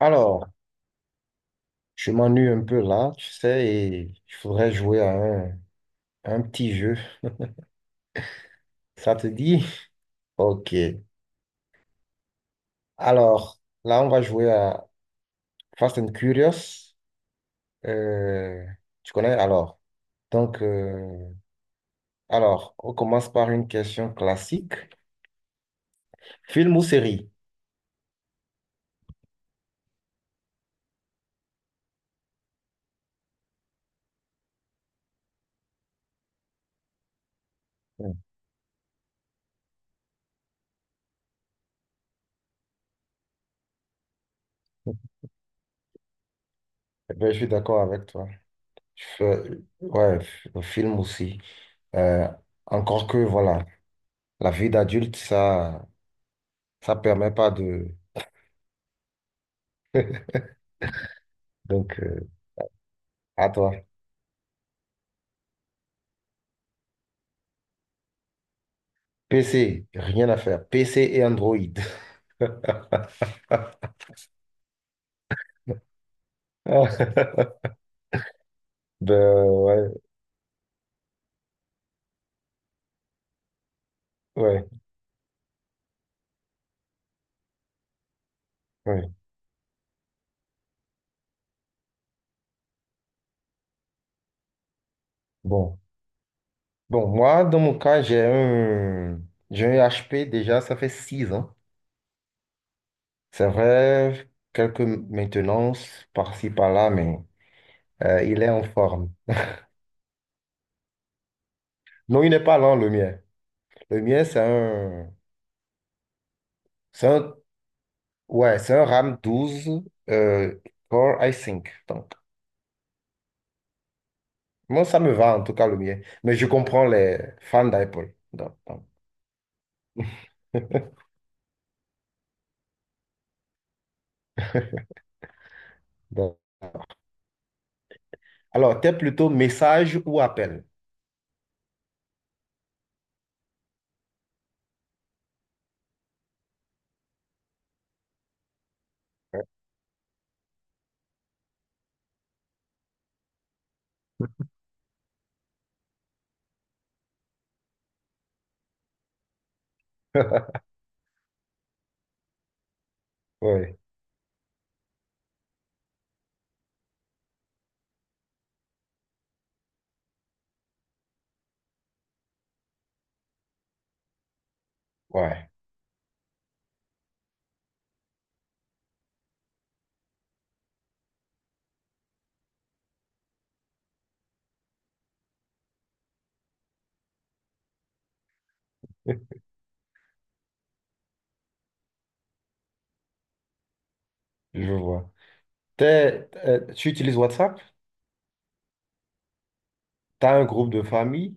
Alors, je m'ennuie un peu là, tu sais, et je voudrais jouer à un petit jeu. Ça te dit? Ok. Alors, là, on va jouer à Fast and Curious. Euh, tu connais? Donc, euh, alors, on commence par une question classique. Film ou série? Hmm. Eh ben, je suis d'accord avec toi. F- Ouais, un film aussi. Euh, encore que, voilà, la vie d'adulte, ça permet pas de... Donc, euh, à toi. PC, rien à faire. PC et Android. Ben, ouais, ouais, ouais. Bon. Bon, moi, dans mon cas, j'ai un... J'ai un HP déjà, ça fait 6 ans. C'est vrai, quelques maintenances par-ci, par-là, mais il est en forme. Non, il n'est pas lent, le mien. Le mien, c'est un, ouais, c'est un RAM 12 euh, Core i5. Donc, moi, ça me va, en tout cas, le mien. Mais je comprends les fans d'Apple. Donc. Alors, t'es plutôt message ou appel? Oui, ouais, je vois. Tu utilises WhatsApp? T'as un groupe de famille?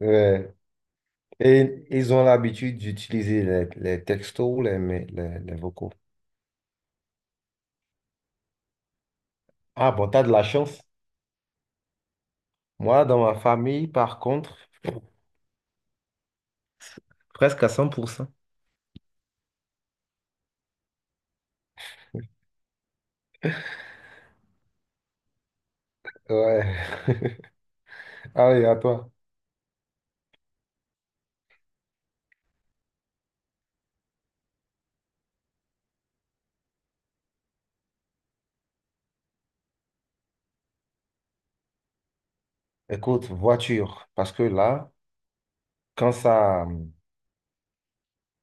Ouais. Et ils ont l'habitude d'utiliser les textos, les vocaux. Ah bon, t'as de la chance. Moi, dans ma famille, par contre, presque à 100%. Ouais. Allez, à toi. Écoute, voiture, parce que là, quand ça, hum,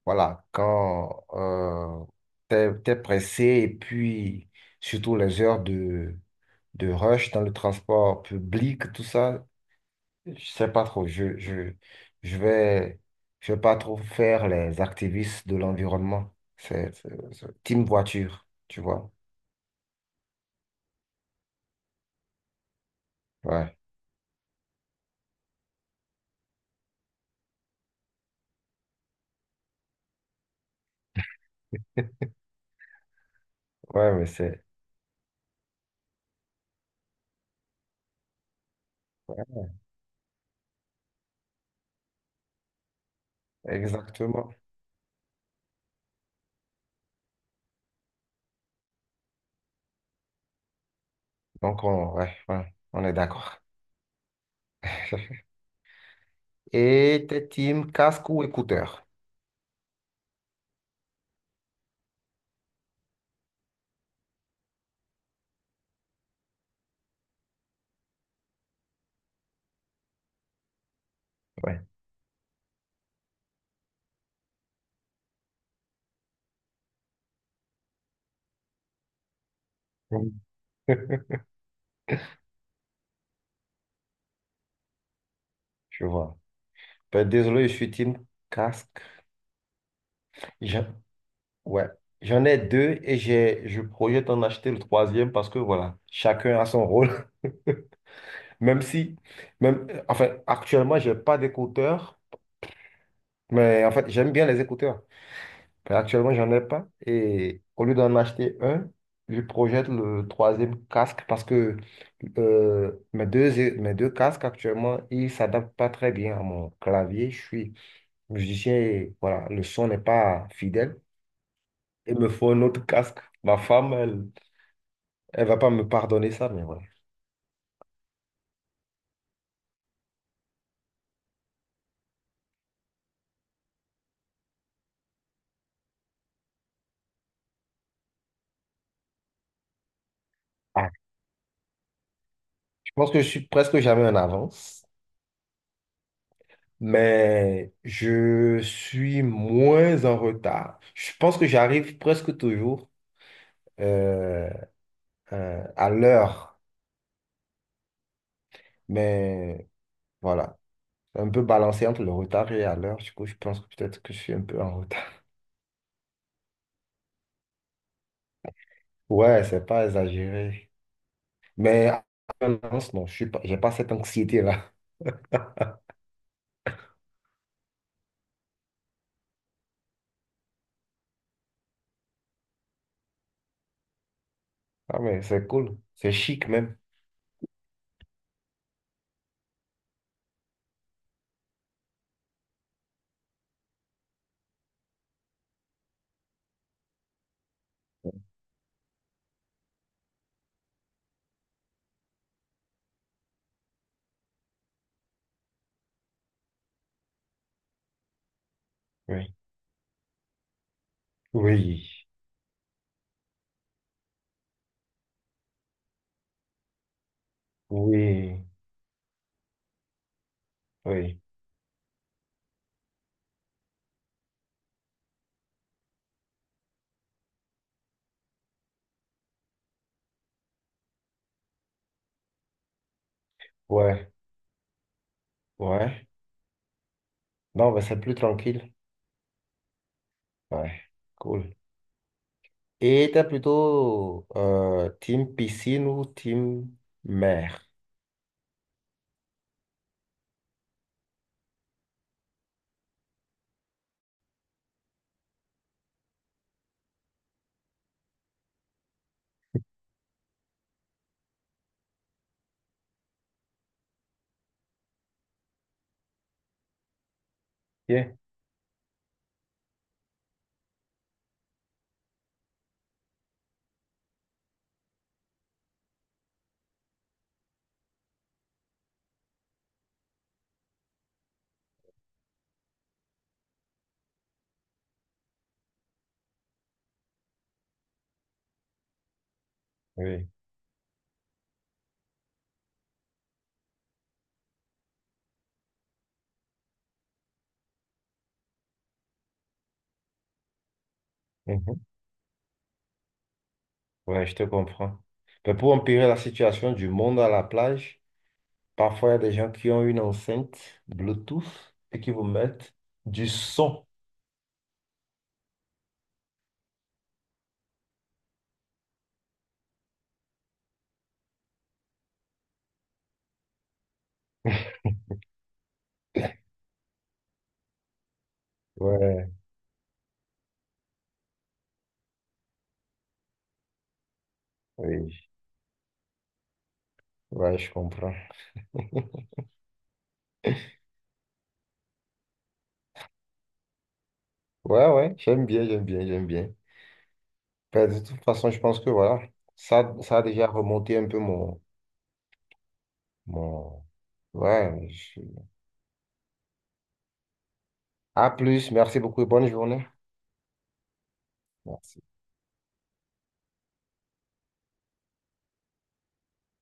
quand t'es pressé et puis surtout les heures de rush dans le transport public, tout ça, je sais pas trop. Je vais, je vais pas trop faire les activistes de l'environnement. C'est team voiture, tu vois. Ouais, ouais, mais c'est ouais, exactement. Ouais, ouais, on est d'accord. Et t'es team casque ou écouteur? Ouais. Je vois. Ben, désolé, je suis team casque. J'en- ouais. J'en ai deux et je projette en acheter le troisième parce que voilà, chacun a son rôle. Même si, même, enfin, actuellement, j'ai pas d'écouteurs, mais en fait, j'aime bien les écouteurs. Actuellement, j'en ai pas. Et au lieu d'en acheter un, je projette le troisième casque parce que mes deux casques actuellement, ils ne s'adaptent pas très bien à mon clavier. Je suis musicien et voilà, le son n'est pas fidèle. Il me faut un autre casque. Ma femme, elle, elle va pas me pardonner ça, mais voilà. Ah, je pense que je suis presque jamais en avance. Mais je suis moins en retard. Je pense que j'arrive presque toujours euh, à l'heure, mais voilà, un peu balancé entre le retard et à l'heure. Du coup, je pense que peut-être que je suis un peu en retard. Ouais, c'est pas exagéré, mais à avance, non, je suis pas, j'ai pas cette anxiété-là. Ah, mais c'est cool, c'est chic même. Oui, oui, oui, oui, ouais, ouais. Non, mais c'est plus tranquille. Ouais, cool. Et était plutôt team piscine ou team mer? Yeah. Oui. Mhm. Ouais, je te comprends. Mais pour empirer la situation du monde à la plage, parfois il y a des gens qui ont une enceinte Bluetooth et qui vous mettent du son. Ouais, oui. Ouais, je comprends. Ouais, ouais, j'aime bien. Ben, de toute façon, je pense que voilà, ça a déjà remonté un peu mon, mon... Ouais, je- à plus, merci beaucoup et bonne journée. Merci.